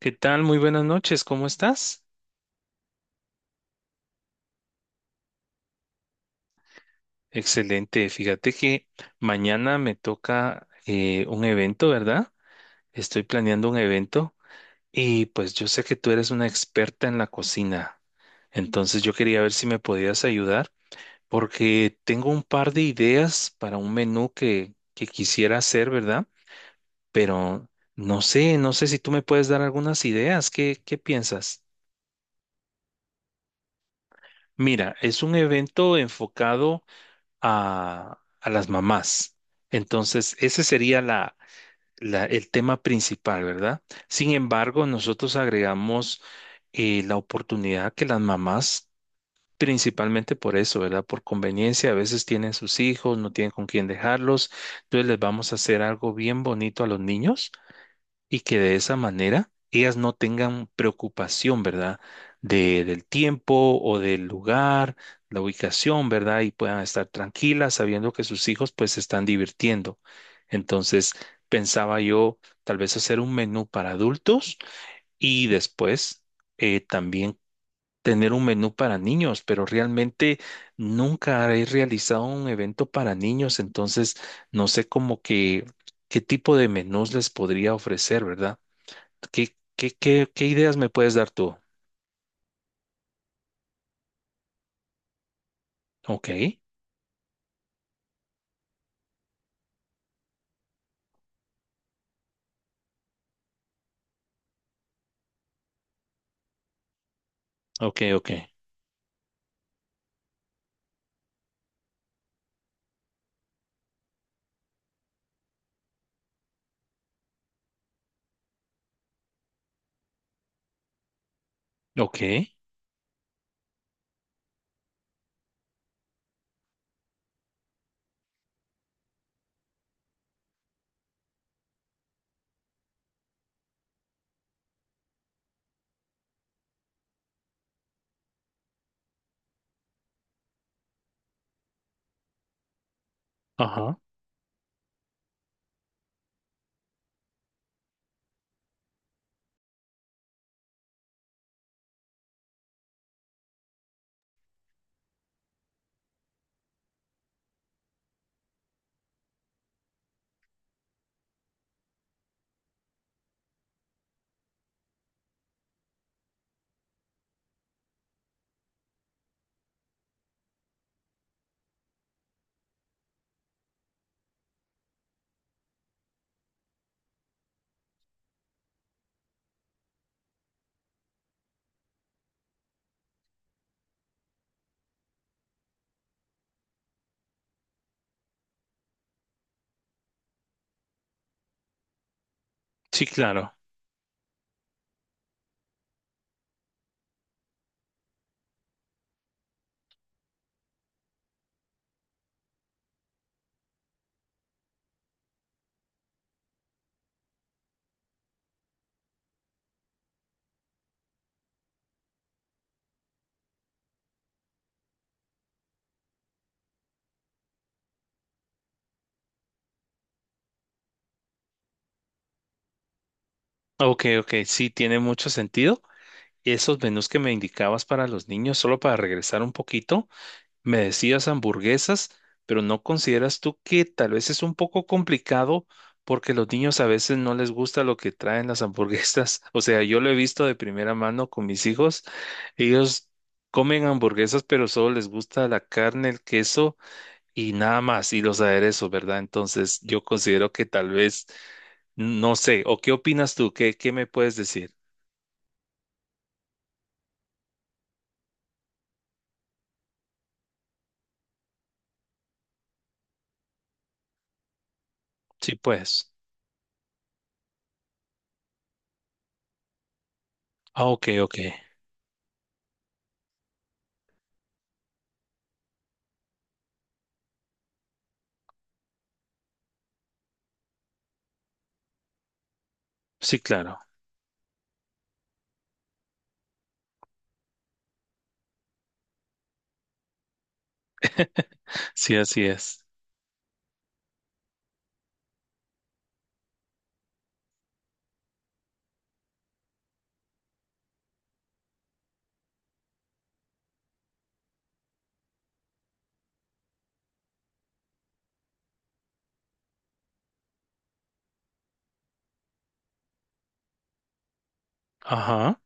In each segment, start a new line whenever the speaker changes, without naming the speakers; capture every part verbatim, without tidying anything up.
¿Qué tal? Muy buenas noches, ¿cómo estás? Excelente, fíjate que mañana me toca eh, un evento, ¿verdad? Estoy planeando un evento y pues yo sé que tú eres una experta en la cocina, entonces yo quería ver si me podías ayudar porque tengo un par de ideas para un menú que, que quisiera hacer, ¿verdad? Pero no sé, no sé si tú me puedes dar algunas ideas, ¿qué, qué piensas? Mira, es un evento enfocado a, a las mamás. Entonces, ese sería la, la- el tema principal, ¿verdad? Sin embargo, nosotros agregamos eh, la oportunidad que las mamás, principalmente por eso, ¿verdad? Por conveniencia, a veces tienen sus hijos, no tienen con quién dejarlos, entonces les vamos a hacer algo bien bonito a los niños y que de esa manera ellas no tengan preocupación, ¿verdad? De, del tiempo o del lugar, la ubicación, ¿verdad? Y puedan estar tranquilas sabiendo que sus hijos pues se están divirtiendo. Entonces, pensaba yo tal vez hacer un menú para adultos y después eh, también tener un menú para niños, pero realmente nunca he realizado un evento para niños, entonces no sé cómo que qué tipo de menús les podría ofrecer, ¿verdad? ¿Qué, qué, qué, qué ideas me puedes dar tú? Ok, ok, ok, ok, ajá. Sí, claro. Ok, ok, sí, tiene mucho sentido. Esos menús que me indicabas para los niños, solo para regresar un poquito, me decías hamburguesas, pero ¿no consideras tú que tal vez es un poco complicado porque los niños a veces no les gusta lo que traen las hamburguesas? O sea, yo lo he visto de primera mano con mis hijos. Ellos comen hamburguesas, pero solo les gusta la carne, el queso y nada más, y los aderezos, ¿verdad? Entonces, yo considero que tal vez, no sé, ¿o qué opinas tú? ¿Qué, qué me puedes decir? Sí, pues. Ah, ok, ok. Sí, claro. Sí, así es. Ajá.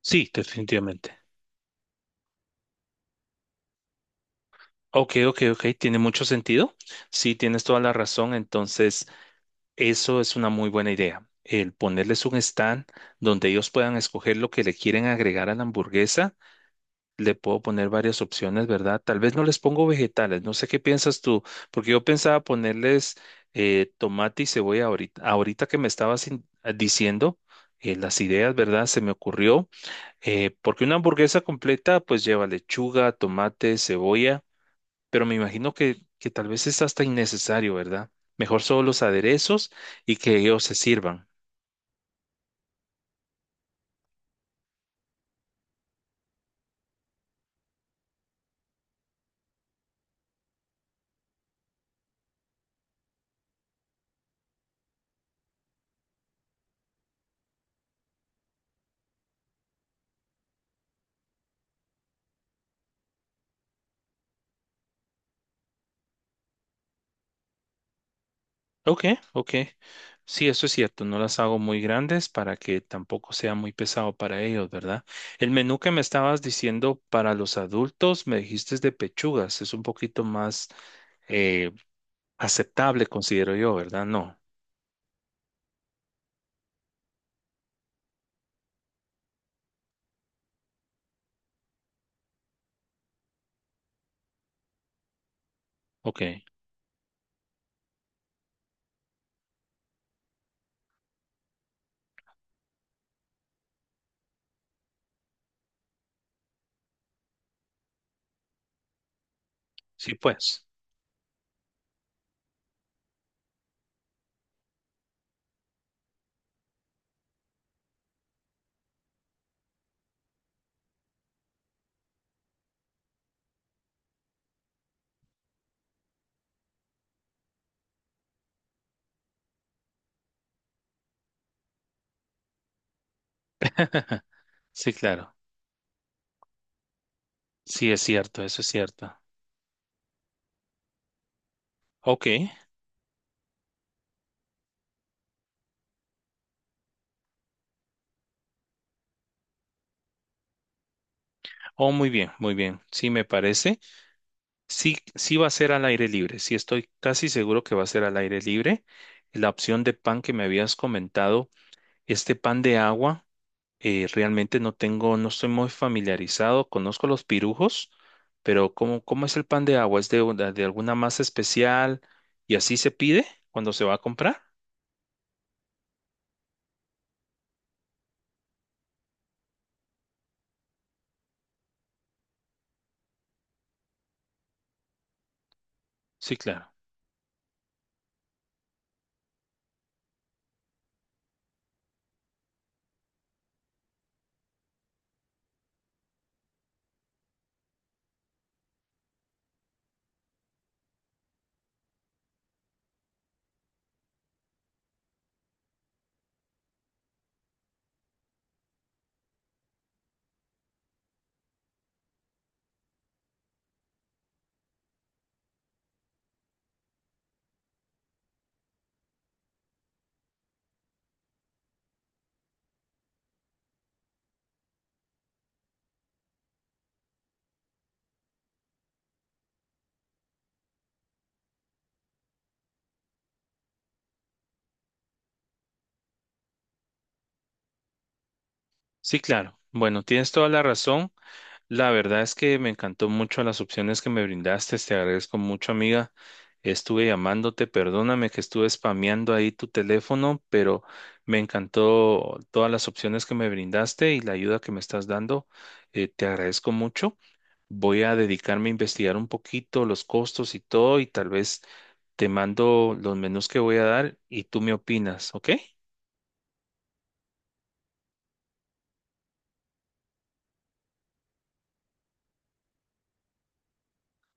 Sí, definitivamente. Ok, ok, ok. Tiene mucho sentido. Sí, tienes toda la razón. Entonces, eso es una muy buena idea. El ponerles un stand donde ellos puedan escoger lo que le quieren agregar a la hamburguesa. Le puedo poner varias opciones, ¿verdad? Tal vez no les pongo vegetales, no sé qué piensas tú, porque yo pensaba ponerles eh, tomate y cebolla ahorita, ahorita que me estabas in- eh, diciendo eh, las ideas, ¿verdad? Se me ocurrió, eh, porque una hamburguesa completa pues lleva lechuga, tomate, cebolla, pero me imagino que, que tal vez es hasta innecesario, ¿verdad? Mejor solo los aderezos y que ellos se sirvan. Ok, ok. Sí, eso es cierto. No las hago muy grandes para que tampoco sea muy pesado para ellos, ¿verdad? El menú que me estabas diciendo para los adultos, me dijiste es de pechugas. Es un poquito más eh, aceptable, considero yo, ¿verdad? No. Ok. Sí, pues. Sí, claro. Sí, es cierto. Eso es cierto. Ok. Oh, muy bien, muy bien. Sí, me parece. Sí, sí va a ser al aire libre, sí estoy casi seguro que va a ser al aire libre. La opción de pan que me habías comentado, este pan de agua, eh, realmente no tengo, no estoy muy familiarizado, conozco los pirujos, pero ¿cómo, cómo es el pan de agua? ¿Es de, una- de alguna masa especial y así se pide cuando se va a comprar? Sí, claro, sí, claro. Bueno, tienes toda la razón. La verdad es que me encantó mucho las opciones que me brindaste, te agradezco mucho, amiga. Estuve llamándote, perdóname que estuve spameando ahí tu teléfono, pero me encantó todas las opciones que me brindaste y la ayuda que me estás dando. Eh, te agradezco mucho. Voy a dedicarme a investigar un poquito los costos y todo, y tal vez te mando los menús que voy a dar y tú me opinas, ¿ok?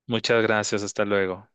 Muchas gracias, hasta luego.